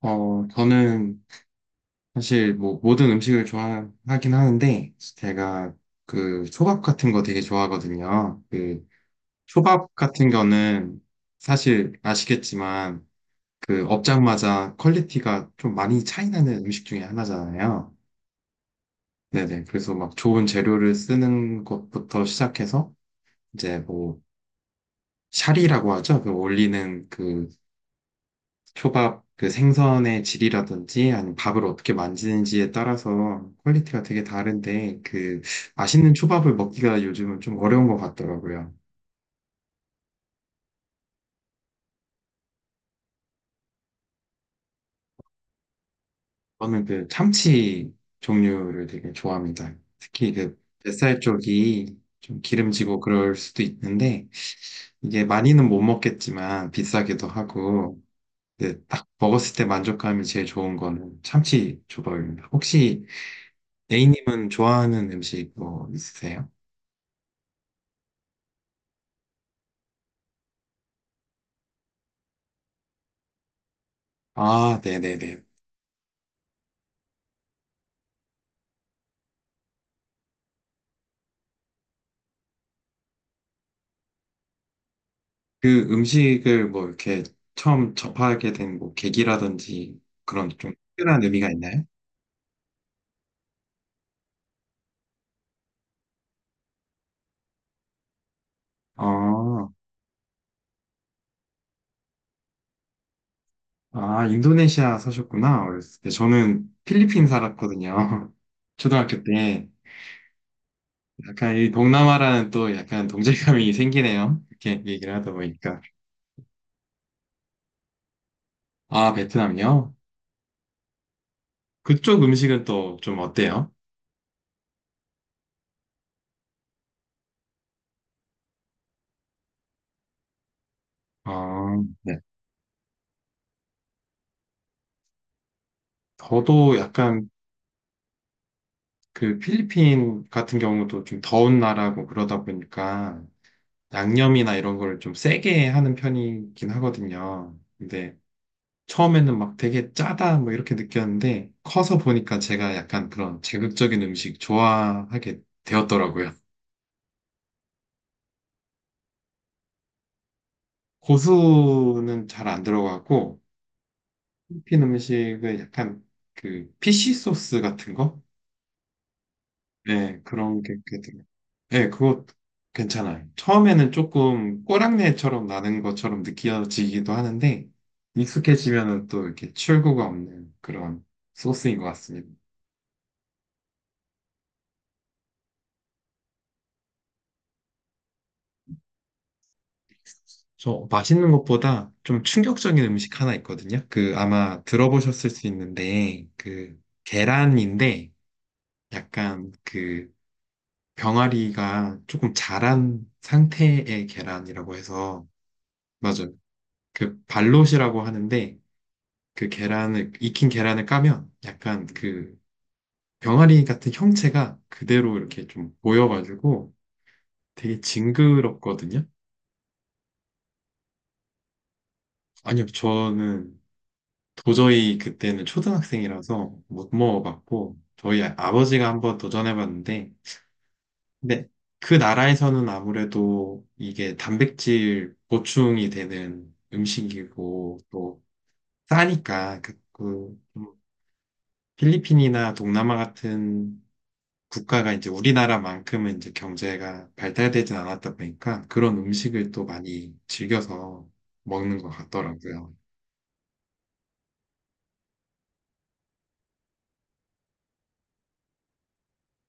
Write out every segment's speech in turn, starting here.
저는 사실 뭐 모든 음식을 좋아하긴 하는데, 제가 초밥 같은 거 되게 좋아하거든요. 그 초밥 같은 거는 사실 아시겠지만, 그 업장마다 퀄리티가 좀 많이 차이 나는 음식 중에 하나잖아요. 네네. 그래서 막 좋은 재료를 쓰는 것부터 시작해서, 이제 뭐, 샤리라고 하죠. 그 올리는 초밥 그 생선의 질이라든지 아니면 밥을 어떻게 만지는지에 따라서 퀄리티가 되게 다른데 그 맛있는 초밥을 먹기가 요즘은 좀 어려운 것 같더라고요. 저는 그 참치 종류를 되게 좋아합니다. 특히 그 뱃살 쪽이 좀 기름지고 그럴 수도 있는데 이게 많이는 못 먹겠지만 비싸기도 하고 이제 딱 먹었을 때 만족감이 제일 좋은 거는 참치 초밥입니다. 혹시 A님은 좋아하는 음식 뭐 있으세요? 아, 네네네. 그 음식을 뭐 이렇게 처음 접하게 된 뭐 계기라든지 그런 좀 특별한 의미가 있나요? 아, 아, 인도네시아 사셨구나. 어렸을 때. 저는 필리핀 살았거든요. 초등학교 때. 약간 이 동남아라는 또 약간 동질감이 생기네요. 이렇게 얘기를 하다 보니까. 아, 베트남이요? 그쪽 음식은 또 좀 어때요? 아, 네. 저도 약간 그 필리핀 같은 경우도 좀 더운 나라고 그러다 보니까 양념이나 이런 거를 좀 세게 하는 편이긴 하거든요. 근데 처음에는 막 되게 짜다 뭐 이렇게 느꼈는데 커서 보니까 제가 약간 그런 자극적인 음식 좋아하게 되었더라고요. 고수는 잘 안 들어가고 필리핀 음식은 약간 그 피쉬 소스 같은 거? 네, 그런 게 들어가요. 예, 그거 괜찮아요. 처음에는 조금 꼬랑내처럼 나는 것처럼 느껴지기도 하는데, 익숙해지면은 또 이렇게 출구가 없는 그런 소스인 것 같습니다. 저 맛있는 것보다 좀 충격적인 음식 하나 있거든요. 그 아마 들어보셨을 수 있는데, 그 계란인데, 약간 병아리가 조금 자란 상태의 계란이라고 해서, 맞아요. 그 발롯이라고 하는데, 익힌 계란을 까면 약간 그 병아리 같은 형체가 그대로 이렇게 좀 보여가지고 되게 징그럽거든요. 아니요, 저는 도저히 그때는 초등학생이라서 못 먹어봤고, 저희 아버지가 한번 도전해봤는데, 근데 그 나라에서는 아무래도 이게 단백질 보충이 되는 음식이고, 또 싸니까, 그 필리핀이나 동남아 같은 국가가 이제 우리나라만큼은 이제 경제가 발달되진 않았다 보니까 그런 음식을 또 많이 즐겨서 먹는 것 같더라고요.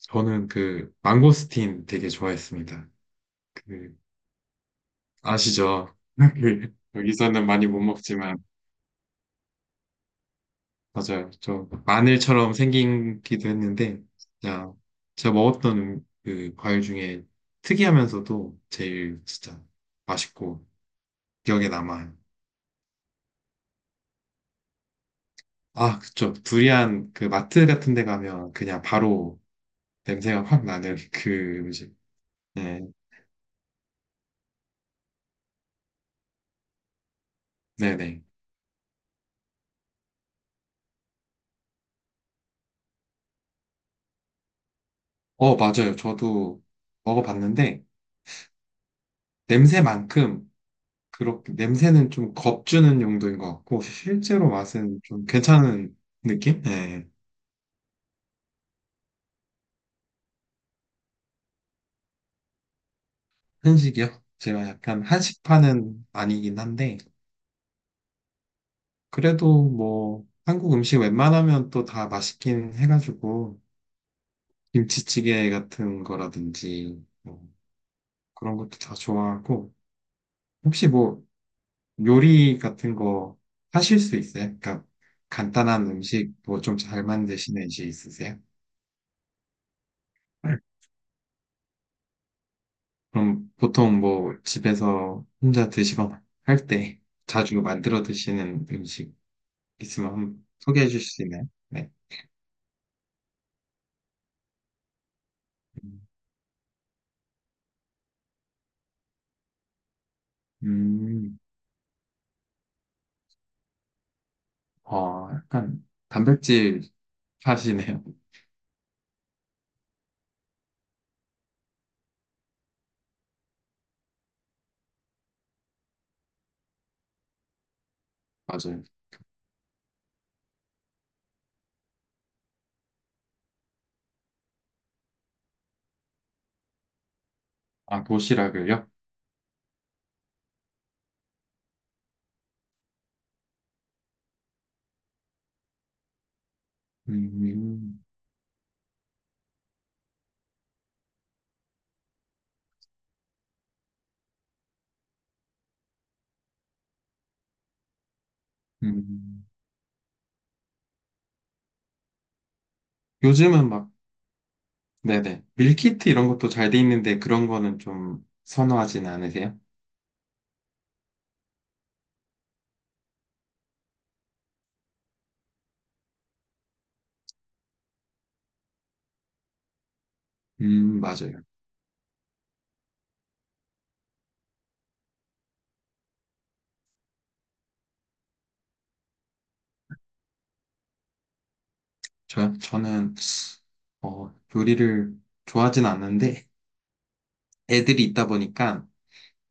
저는 그 망고스틴 되게 좋아했습니다. 그 아시죠? 그 여기서는 많이 못 먹지만 맞아요. 좀 마늘처럼 생기기도 했는데 진짜 제가 먹었던 그 과일 중에 특이하면서도 제일 진짜 맛있고 기억에 남아요. 아, 그쵸. 두리안 그 마트 같은 데 가면 그냥 바로 냄새가 확 나는 그 음식. 네, 네네. 어, 맞아요. 저도 먹어봤는데 냄새만큼 그렇게 냄새는 좀 겁주는 용도인 것 같고 실제로 맛은 좀 괜찮은 느낌? 네. 한식이요? 제가 약간 한식파는 아니긴 한데 그래도 뭐 한국 음식 웬만하면 또 다 맛있긴 해가지고 김치찌개 같은 거라든지 뭐 그런 것도 다 좋아하고, 혹시 뭐 요리 같은 거 하실 수 있어요? 그러니까 간단한 음식 뭐 좀 잘 만드시는 지 있으세요? 그럼 보통 뭐 집에서 혼자 드시거나 할 때 자주 만들어 드시는 음식 있으면 한번 소개해 주실 수 있나요? 네. 음, 어, 약간 단백질 하시네요. 맞아요. 아, 도시락을요? 음, 음. 요즘은 막 네네. 밀키트 이런 것도 잘 돼 있는데 그런 거는 좀 선호하진 않으세요? 맞아요. 저, 저는, 어, 요리를 좋아하진 않는데 애들이 있다 보니까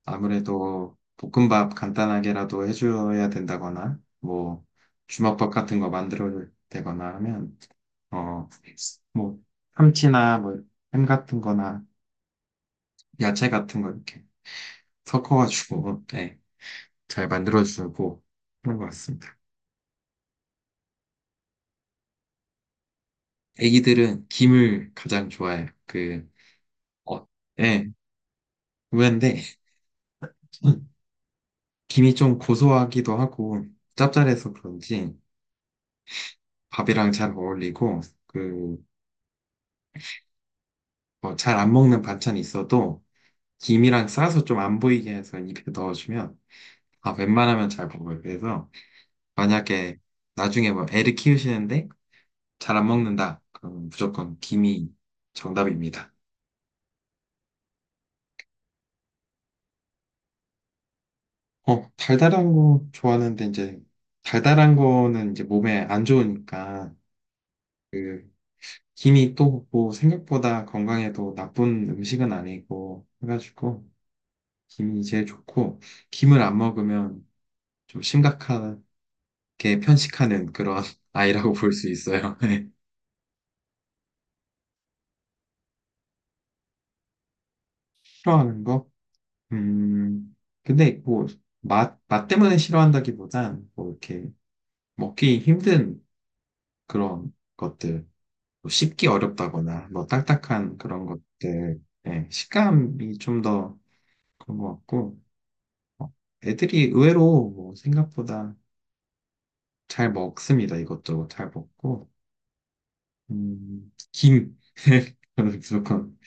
아무래도 볶음밥 간단하게라도 해줘야 된다거나 뭐 주먹밥 같은 거 만들어야 되거나 하면, 어, 뭐 참치나 뭐 햄 같은 거나 야채 같은 거 이렇게 섞어가지고, 네, 잘 만들어주고 그런 것 같습니다. 애기들은 김을 가장 좋아해요. 어, 예, 의외인데, 김이 좀 고소하기도 하고, 짭짤해서 그런지, 밥이랑 잘 어울리고, 그, 잘안 먹는 반찬이 있어도, 김이랑 싸서 좀 안 보이게 해서 입에 넣어주면, 아, 웬만하면 잘 먹어요. 그래서, 만약에 나중에 뭐 애를 키우시는데, 잘 안 먹는다. 그럼 무조건 김이 정답입니다. 어, 달달한 거 좋아하는데 이제 달달한 거는 이제 몸에 안 좋으니까 그 김이 또 뭐 생각보다 건강에도 나쁜 음식은 아니고 해가지고 김이 제일 좋고 김을 안 먹으면 좀 심각하게 편식하는 그런 아이라고 볼 수 있어요. 네. 싫어하는 거? 음, 근데 뭐 맛 때문에 싫어한다기보단 뭐 이렇게 먹기 힘든 그런 것들. 뭐 씹기 어렵다거나 뭐 딱딱한 그런 것들 예, 식감이 좀 더 그런 것 같고 어, 애들이 의외로 뭐 생각보다 잘 먹습니다 이것저것 잘 먹고 김 저는 무조건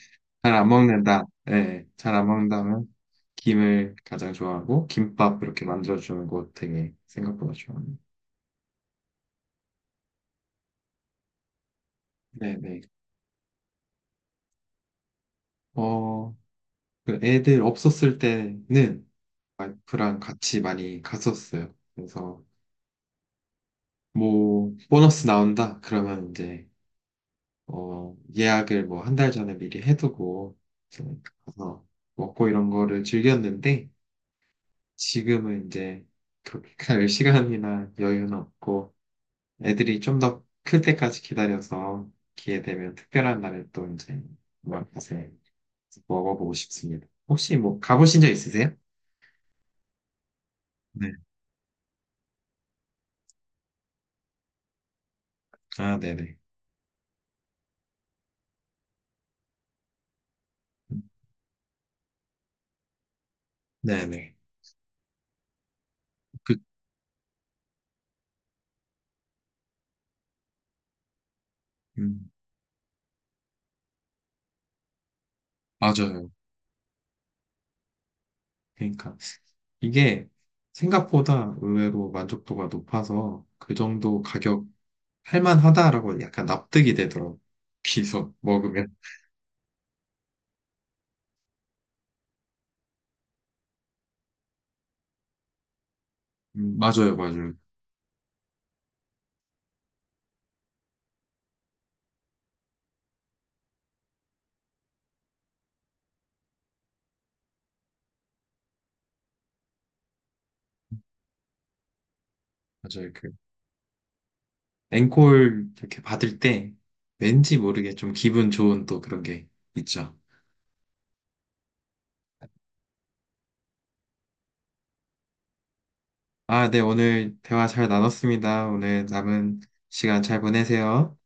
잘 안 먹는다 예, 잘 안 먹는다면 김을 가장 좋아하고 김밥 이렇게 만들어주는 거 되게 생각보다 좋아합니다. 네네. 어그 애들 없었을 때는 와이프랑 같이 많이 갔었어요. 그래서 뭐 보너스 나온다 그러면 이제 예약을 뭐 한 달 전에 미리 해두고 이제 가서 먹고 이런 거를 즐겼는데 지금은 이제 그렇게 갈 시간이나 여유는 없고 애들이 좀 더 클 때까지 기다려서 기회 되면 특별한 날에 또 이제 먹어보고 싶습니다. 혹시 뭐 가보신 적 있으세요? 네. 아, 네네. 네네. 그, 음, 맞아요. 그러니까 이게 생각보다 의외로 만족도가 높아서 그 정도 가격 할만하다라고 약간 납득이 되더라고. 비서 먹으면. 음, 맞아요, 맞아요. 맞아요. 그 앵콜 이렇게 받을 때 왠지 모르게 좀 기분 좋은 또 그런 게 있죠. 아, 네, 오늘 대화 잘 나눴습니다. 오늘 남은 시간 잘 보내세요.